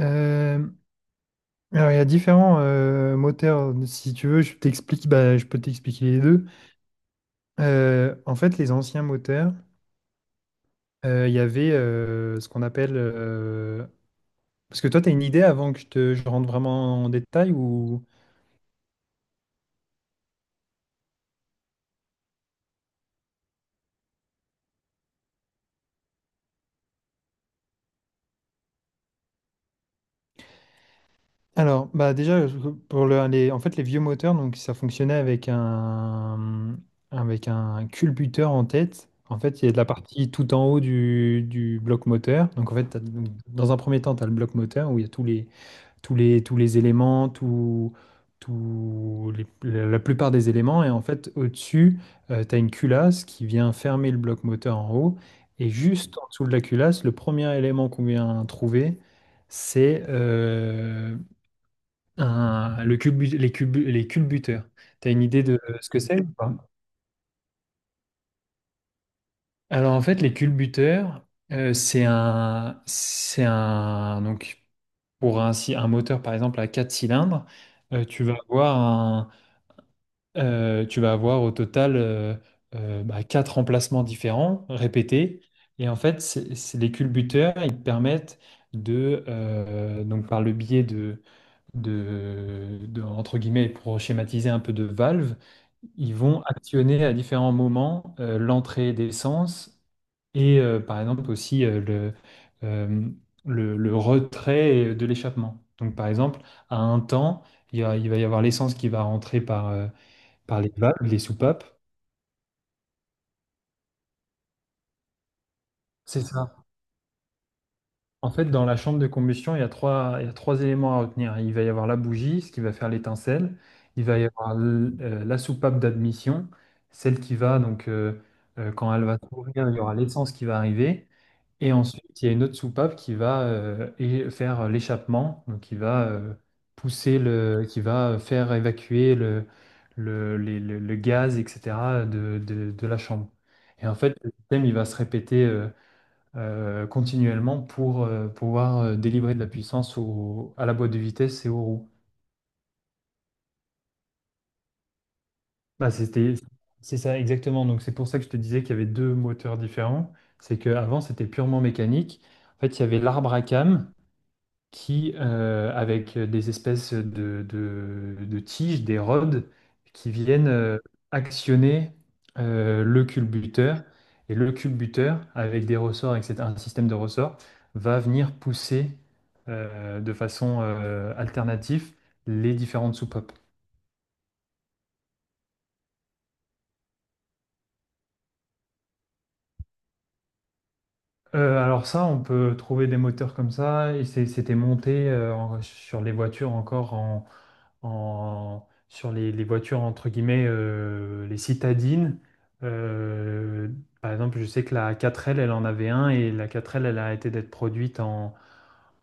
Euh, alors, il y a différents moteurs. Si tu veux, bah, je peux t'expliquer les deux. En fait, les anciens moteurs, il y avait ce qu'on appelle... Parce que toi, tu as une idée avant que je rentre vraiment en détail ou... Alors, bah, déjà, en fait, les vieux moteurs, donc, ça fonctionnait avec un culbuteur en tête. En fait, il y a de la partie tout en haut du bloc moteur. Donc, en fait, donc, dans un premier temps, tu as le bloc moteur où il y a tous les éléments, la plupart des éléments. Et en fait, au-dessus, tu as une culasse qui vient fermer le bloc moteur en haut. Et juste en dessous de la culasse, le premier élément qu'on vient trouver, c'est un- le culbu- les culbuteurs. Tu as une idée de ce que c'est ou pas? Alors en fait, les culbuteurs, donc pour un, si- un moteur par exemple à 4 cylindres, euh, tu vas avoir tu vas avoir au total bah, quatre remplacements différents, répétés. Et en fait, les culbuteurs, ils te permettent donc par le biais de entre guillemets, pour schématiser un peu de valves, ils vont actionner à différents moments l'entrée d'essence et par exemple aussi euh, le retrait de l'échappement. Donc par exemple, à un temps, il va y avoir l'essence qui va rentrer par les valves, les soupapes. C'est ça. En fait, dans la chambre de combustion, il y a trois éléments à retenir. Il va y avoir la bougie, ce qui va faire l'étincelle. Il va y avoir la soupape d'admission, donc, quand elle va s'ouvrir, il y aura l'essence qui va arriver. Et ensuite, il y a une autre soupape qui va faire l'échappement, donc qui va qui va faire évacuer le gaz, etc., de la chambre. Et en fait, le système, il va se répéter continuellement pour pouvoir délivrer de la puissance à la boîte de vitesse et aux roues. Bah, c'est ça exactement. Donc c'est pour ça que je te disais qu'il y avait deux moteurs différents. C'est qu'avant, c'était purement mécanique. En fait, il y avait l'arbre à cames avec des espèces de tiges, des rods, qui viennent actionner le culbuteur. Et le culbuteur, avec des ressorts, etc., un système de ressorts, va venir pousser de façon alternative les différentes soupapes. Alors ça, on peut trouver des moteurs comme ça. C'était monté sur les voitures encore sur les voitures, entre guillemets, les citadines. Euh, Par exemple, je sais que la 4L, elle en avait un et la 4L, elle a arrêté d'être produite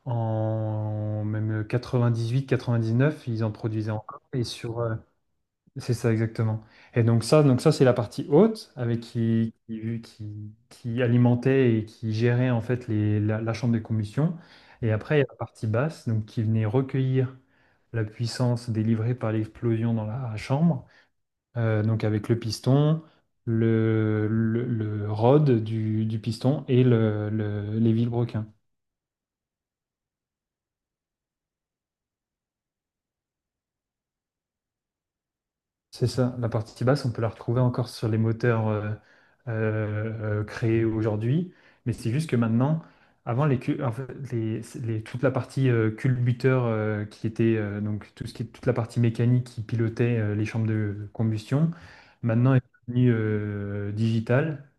en même 98-99, ils en produisaient encore. C'est ça exactement. Et donc ça c'est la partie haute avec qui alimentait et qui gérait en fait la chambre de combustion. Et après il y a la partie basse donc qui venait recueillir la puissance délivrée par l'explosion dans la chambre. Donc avec le piston, le rod du piston et les vilebrequins. C'est ça, la partie basse, on peut la retrouver encore sur les moteurs créés aujourd'hui, mais c'est juste que maintenant, en fait, toute la partie culbuteur qui était donc tout ce qui est toute la partie mécanique qui pilotait les chambres de combustion, maintenant est devenue digitale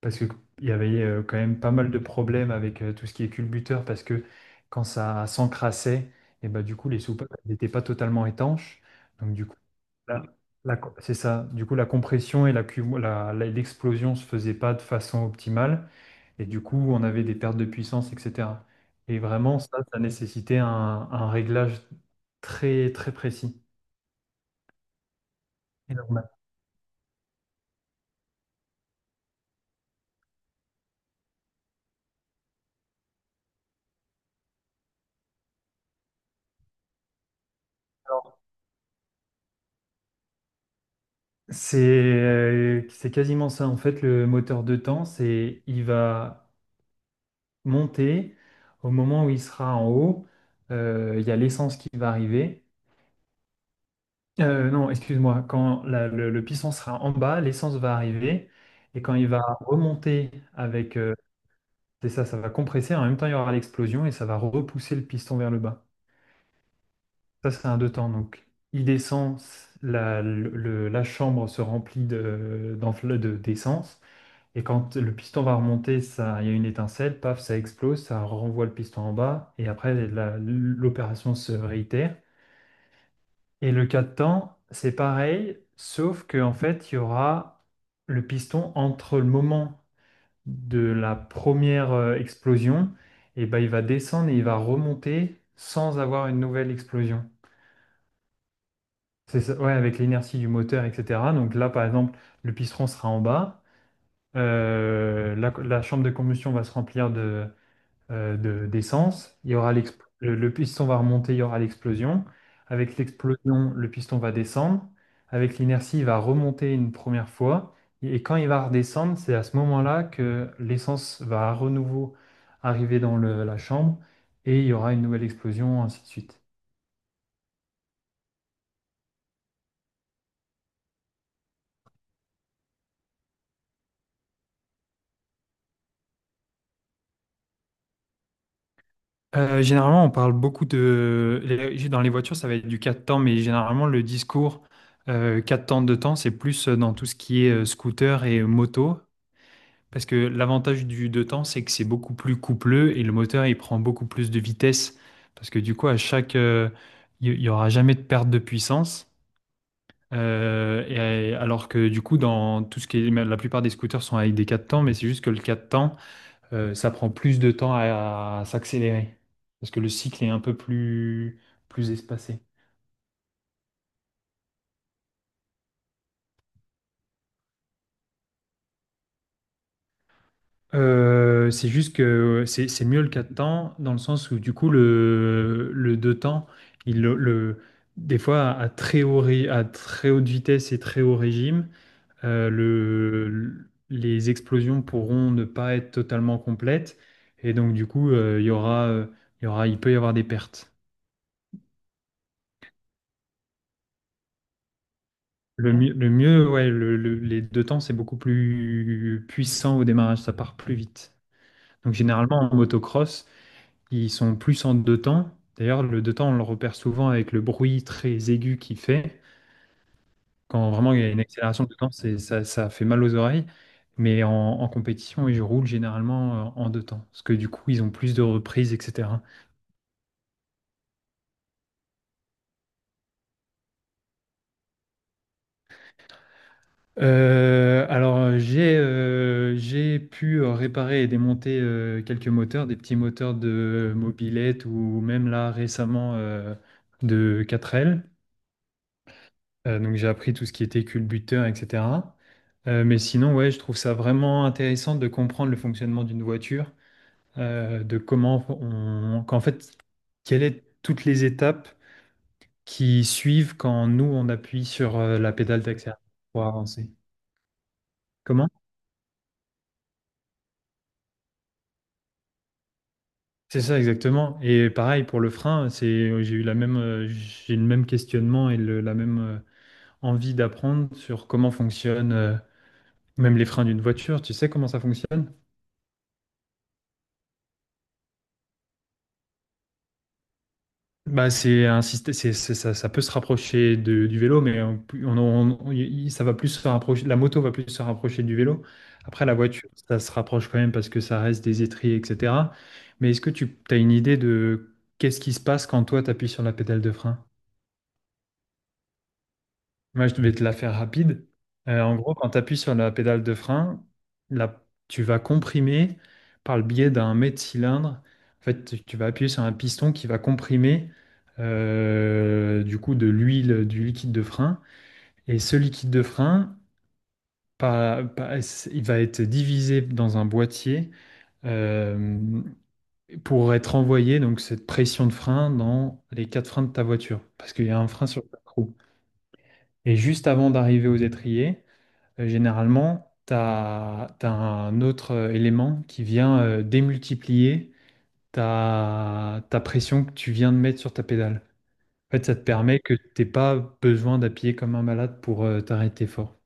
parce que il y avait quand même pas mal de problèmes avec tout ce qui est culbuteur parce que quand ça s'encrassait, et ben, du coup les soupapes n'étaient pas totalement étanches. Donc, du la- la C'est ça. Du coup, la compression et la cum- la- la- l'explosion se faisaient pas de façon optimale. Et du coup, on avait des pertes de puissance, etc. Et vraiment, ça nécessitait un réglage très, très précis. Et donc, maintenant, c'est quasiment ça. En fait, le moteur de temps, c'est il va monter au moment où il sera en haut. Il y a l'essence qui va arriver. Non, excuse-moi. Quand le piston sera en bas, l'essence va arriver. Et quand il va remonter avec... C'est ça, ça va compresser. En même temps, il y aura l'explosion et ça va repousser le piston vers le bas. Ça, c'est un deux temps. Donc, il descend, la chambre se remplit d'essence. Et quand le piston va remonter, ça, il y a une étincelle, paf, ça explose, ça renvoie le piston en bas. Et après, l'opération se réitère. Et le cas de temps, c'est pareil, sauf que en fait, il y aura le piston entre le moment de la première explosion, et ben, il va descendre et il va remonter sans avoir une nouvelle explosion. C'est ça, ouais, avec l'inertie du moteur, etc. Donc là, par exemple, le piston sera en bas, la chambre de combustion va se remplir d'essence, il y aura l'exp- le piston va remonter, il y aura l'explosion. Avec l'explosion, le piston va descendre. Avec l'inertie, il va remonter une première fois. Et quand il va redescendre, c'est à ce moment-là que l'essence va à renouveau arriver dans la chambre et il y aura une nouvelle explosion, ainsi de suite. Généralement, on parle beaucoup de... les- dans les voitures, ça va être du 4 temps, mais généralement, le discours 4 temps, 2 temps, c'est plus dans tout ce qui est scooter et moto. Parce que l'avantage du deux temps, c'est que c'est beaucoup plus coupleux et le moteur, il prend beaucoup plus de vitesse. Parce que du coup, il n'y aura jamais de perte de puissance. Alors que du coup, dans tout ce qui est, la plupart des scooters sont avec des 4 temps, mais c'est juste que le 4 temps, ça prend plus de temps à s'accélérer. Parce que le cycle est un peu plus espacé. C'est juste que c'est mieux le 4 temps dans le sens où du coup le 2 temps, il, le, le- des fois à à très haute vitesse et très haut régime, les explosions pourront ne pas être totalement complètes et donc du coup il peut y avoir des pertes. Le mieux, ouais, les deux temps c'est beaucoup plus puissant au démarrage, ça part plus vite. Donc généralement en motocross, ils sont plus en deux temps. D'ailleurs, le deux temps, on le repère souvent avec le bruit très aigu qu'il fait. Quand vraiment il y a une accélération de temps, ça fait mal aux oreilles. Mais en compétition, ils roulent généralement en deux temps. Parce que du coup, ils ont plus de reprises, etc. Alors, j'ai pu réparer et démonter quelques moteurs, des petits moteurs de mobilette ou même là récemment de 4L. Donc j'ai appris tout ce qui était culbuteur, etc. Mais sinon, ouais, je trouve ça vraiment intéressant de comprendre le fonctionnement d'une voiture, qu'en fait, quelles sont toutes les étapes qui suivent quand nous on appuie sur la pédale d'accélérateur pour avancer. Comment? C'est ça exactement. Et pareil pour le frein, j'ai le même questionnement et la même envie d'apprendre sur comment fonctionnent même les freins d'une voiture. Tu sais comment ça fonctionne? Bah, c'est un système, c'est- ça peut se rapprocher du vélo, mais ça va plus se rapprocher, la moto va plus se rapprocher du vélo. Après, la voiture, ça se rapproche quand même parce que ça reste des étriers, etc. Mais est-ce que tu as une idée de qu'est-ce qui se passe quand toi, tu appuies sur la pédale de frein? Moi, je vais te la faire rapide. En gros, quand tu appuies sur la pédale de frein, là, tu vas comprimer par le biais d'un mets de cylindre. En fait, tu vas appuyer sur un piston qui va comprimer du coup de l'huile, du liquide de frein. Et ce liquide de frein, par- par- il va être divisé dans un boîtier euh, pour être envoyé, donc cette pression de frein, dans les quatre freins de ta voiture. Parce qu'il y a un frein sur ta roue. Et juste avant d'arriver aux étriers, généralement, un autre élément qui vient démultiplier ta pression que tu viens de mettre sur ta pédale. En fait, ça te permet que tu n'aies pas besoin d'appuyer comme un malade pour t'arrêter fort.